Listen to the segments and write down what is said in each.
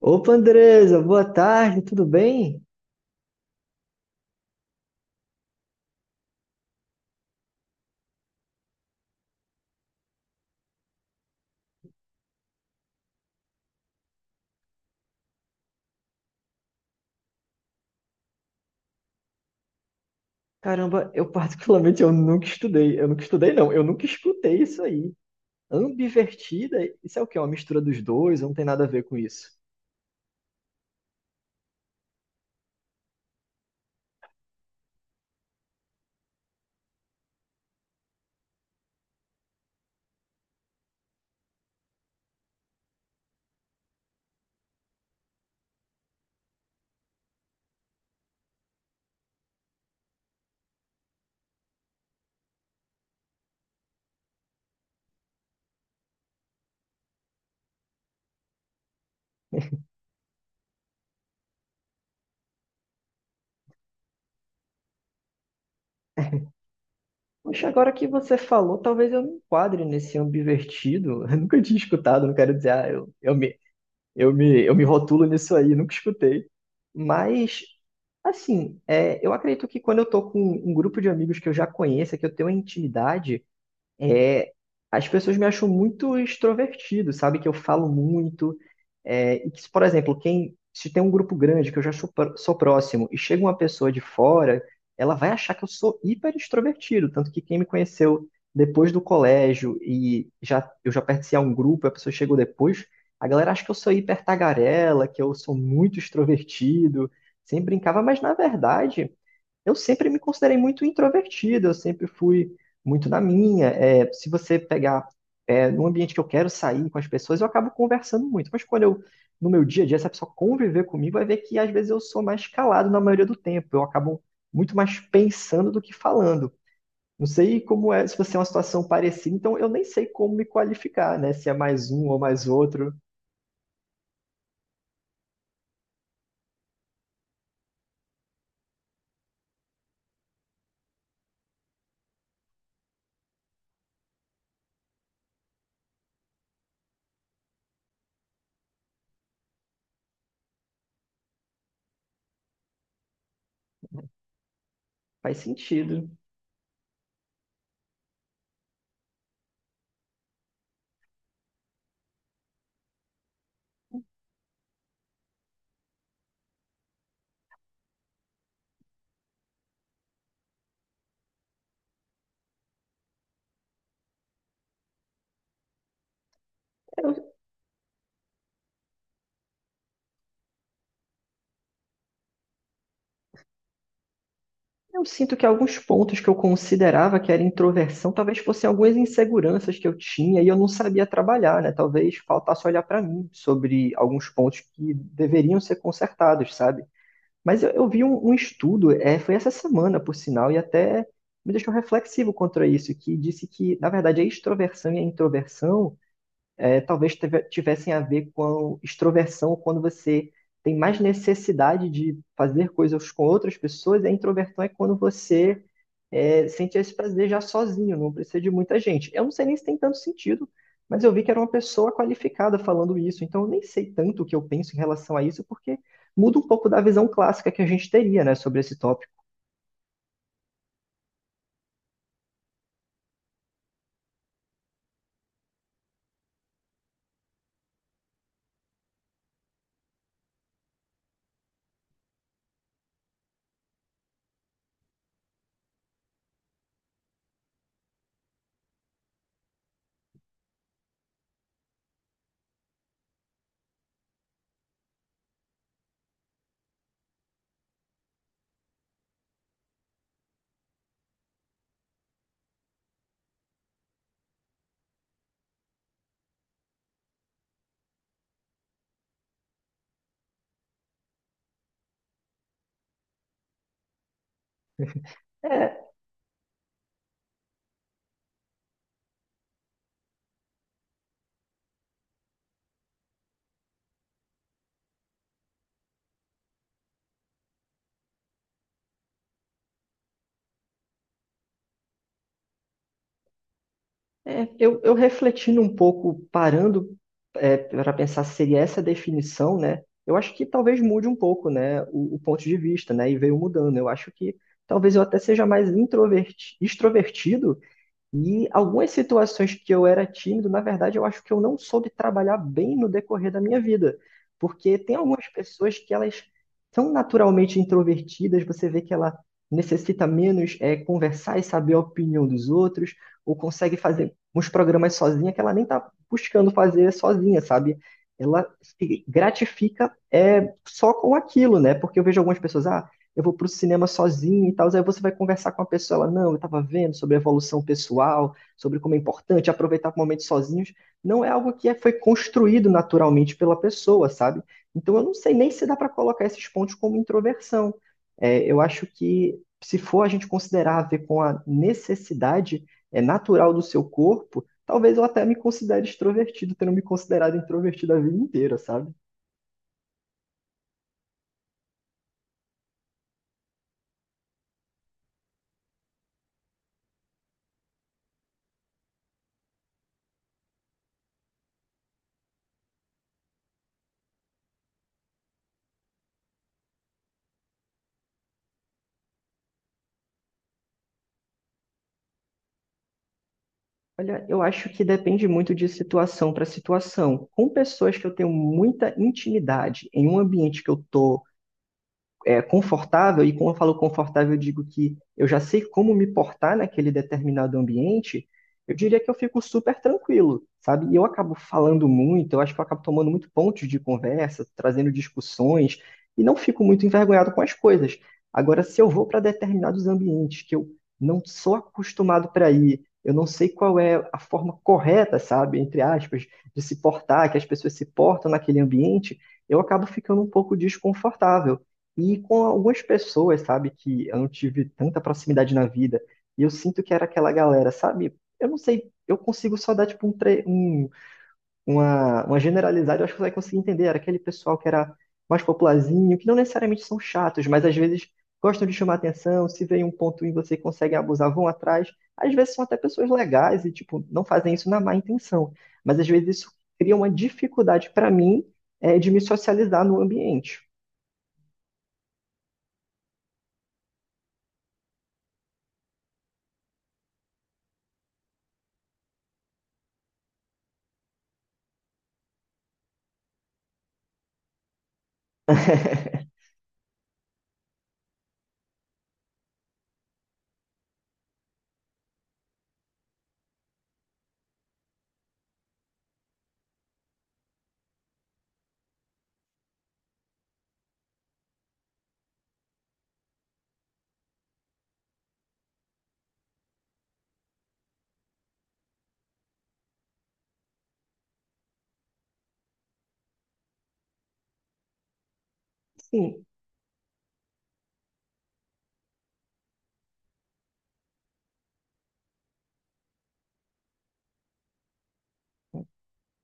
Opa, Andresa, boa tarde, tudo bem? Caramba, eu particularmente eu nunca estudei não, eu nunca escutei isso aí. Ambivertida, isso é o quê? Uma mistura dos dois, não tem nada a ver com isso. Poxa, agora que você falou, talvez eu me enquadre nesse ambivertido. Eu nunca tinha escutado, não quero dizer, eu me rotulo nisso aí, nunca escutei. Mas, assim, é, eu acredito que quando eu tô com um grupo de amigos que eu já conheço, que eu tenho uma intimidade, é, as pessoas me acham muito extrovertido, sabe? Que eu falo muito. É, e que, se, por exemplo, quem se tem um grupo grande que eu já sou, sou próximo e chega uma pessoa de fora, ela vai achar que eu sou hiper extrovertido. Tanto que quem me conheceu depois do colégio e já pertencia a um grupo, a pessoa chegou depois, a galera acha que eu sou hiper tagarela, que eu sou muito extrovertido, sempre brincava, mas na verdade eu sempre me considerei muito introvertido, eu sempre fui muito na minha. É, se você pegar, é, num ambiente que eu quero sair com as pessoas, eu acabo conversando muito. Mas quando eu, no meu dia a dia, se a pessoa conviver comigo, vai ver que às vezes eu sou mais calado na maioria do tempo. Eu acabo muito mais pensando do que falando. Não sei como é, se você é uma situação parecida, então eu nem sei como me qualificar, né? Se é mais um ou mais outro. Faz sentido. Eu sinto que alguns pontos que eu considerava que era introversão, talvez fossem algumas inseguranças que eu tinha e eu não sabia trabalhar, né? Talvez faltasse olhar para mim sobre alguns pontos que deveriam ser consertados, sabe? Mas eu vi um estudo, é, foi essa semana, por sinal, e até me deixou reflexivo contra isso, que disse que, na verdade, a extroversão e a introversão é, talvez tivessem a ver com extroversão quando você tem mais necessidade de fazer coisas com outras pessoas, e a introversão é quando você é, sente esse prazer já sozinho, não precisa de muita gente. Eu não sei nem se tem tanto sentido, mas eu vi que era uma pessoa qualificada falando isso, então eu nem sei tanto o que eu penso em relação a isso, porque muda um pouco da visão clássica que a gente teria, né, sobre esse tópico. É, eu refletindo um pouco, parando é, para pensar se seria essa a definição, né, eu acho que talvez mude um pouco, né, o ponto de vista, né, e veio mudando. Eu acho que talvez eu até seja mais extrovertido. E algumas situações que eu era tímido, na verdade, eu acho que eu não soube trabalhar bem no decorrer da minha vida. Porque tem algumas pessoas que elas são naturalmente introvertidas, você vê que ela necessita menos é, conversar e saber a opinião dos outros, ou consegue fazer uns programas sozinha que ela nem está buscando fazer sozinha, sabe? Ela se gratifica é, só com aquilo, né? Porque eu vejo algumas pessoas, ah, eu vou pro cinema sozinho e tal. Aí você vai conversar com a pessoa, ela, não, eu estava vendo sobre a evolução pessoal, sobre como é importante aproveitar momentos sozinhos. Não é algo que foi construído naturalmente pela pessoa, sabe? Então eu não sei nem se dá para colocar esses pontos como introversão. É, eu acho que se for a gente considerar a ver com a necessidade é, natural do seu corpo, talvez eu até me considere extrovertido, tendo me considerado introvertido a vida inteira, sabe? Olha, eu acho que depende muito de situação para situação. Com pessoas que eu tenho muita intimidade, em um ambiente que eu estou é, confortável, e quando eu falo confortável, eu digo que eu já sei como me portar naquele determinado ambiente, eu diria que eu fico super tranquilo, sabe? E eu acabo falando muito, eu acho que eu acabo tomando muito pontos de conversa, trazendo discussões, e não fico muito envergonhado com as coisas. Agora, se eu vou para determinados ambientes que eu não sou acostumado para ir, eu não sei qual é a forma correta, sabe, entre aspas, de se portar, que as pessoas se portam naquele ambiente, eu acabo ficando um pouco desconfortável. E com algumas pessoas, sabe, que eu não tive tanta proximidade na vida. E eu sinto que era aquela galera, sabe? Eu não sei, eu consigo só dar, tipo, uma generalizada, eu acho que você vai conseguir entender. Era aquele pessoal que era mais popularzinho, que não necessariamente são chatos, mas às vezes gostam de chamar atenção, se vê um ponto em você e conseguem abusar, vão atrás. Às vezes são até pessoas legais e, tipo, não fazem isso na má intenção. Mas às vezes isso cria uma dificuldade para mim, de me socializar no ambiente. Sim,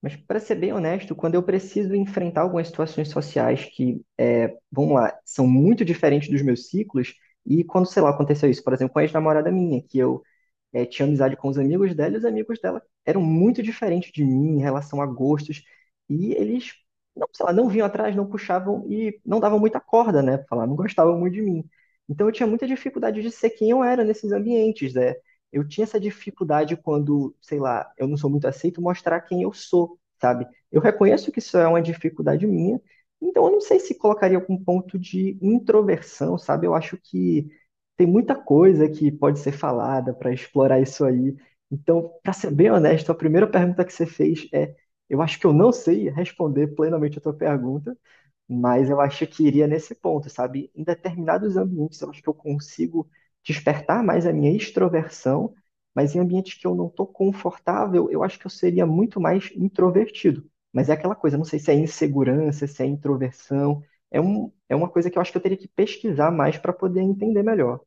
mas para ser bem honesto, quando eu preciso enfrentar algumas situações sociais que, vamos lá, são muito diferentes dos meus ciclos, e quando, sei lá, aconteceu isso, por exemplo, com a ex-namorada minha, que eu tinha amizade com os amigos dela e os amigos dela eram muito diferentes de mim em relação a gostos. E eles, não, sei lá, não vinham atrás, não puxavam e não davam muita corda, né? Pra falar, não gostavam muito de mim. Então eu tinha muita dificuldade de ser quem eu era nesses ambientes, né? Eu tinha essa dificuldade quando, sei lá, eu não sou muito aceito, mostrar quem eu sou, sabe? Eu reconheço que isso é uma dificuldade minha, então eu não sei se colocaria com um ponto de introversão, sabe? Eu acho que tem muita coisa que pode ser falada para explorar isso aí. Então, para ser bem honesto, a primeira pergunta que você fez é: eu acho que eu não sei responder plenamente a tua pergunta, mas eu acho que iria nesse ponto, sabe? Em determinados ambientes, eu acho que eu consigo despertar mais a minha extroversão, mas em ambientes que eu não estou confortável, eu acho que eu seria muito mais introvertido. Mas é aquela coisa, não sei se é insegurança, se é introversão. É uma coisa que eu acho que eu teria que pesquisar mais para poder entender melhor.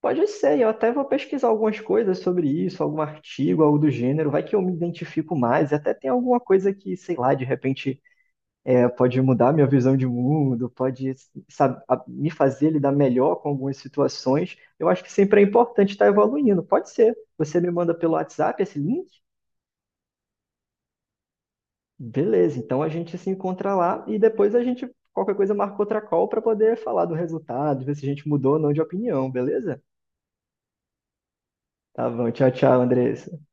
Pode ser, eu até vou pesquisar algumas coisas sobre isso, algum artigo, algo do gênero, vai que eu me identifico mais, e até tem alguma coisa que, sei lá, de repente é, pode mudar minha visão de mundo, pode sabe, me fazer lidar melhor com algumas situações. Eu acho que sempre é importante estar evoluindo, pode ser. Você me manda pelo WhatsApp esse link? Beleza, então a gente se encontra lá e depois a gente, qualquer coisa, marca outra call para poder falar do resultado, ver se a gente mudou ou não de opinião, beleza? Tá bom, tchau, tchau, Andressa.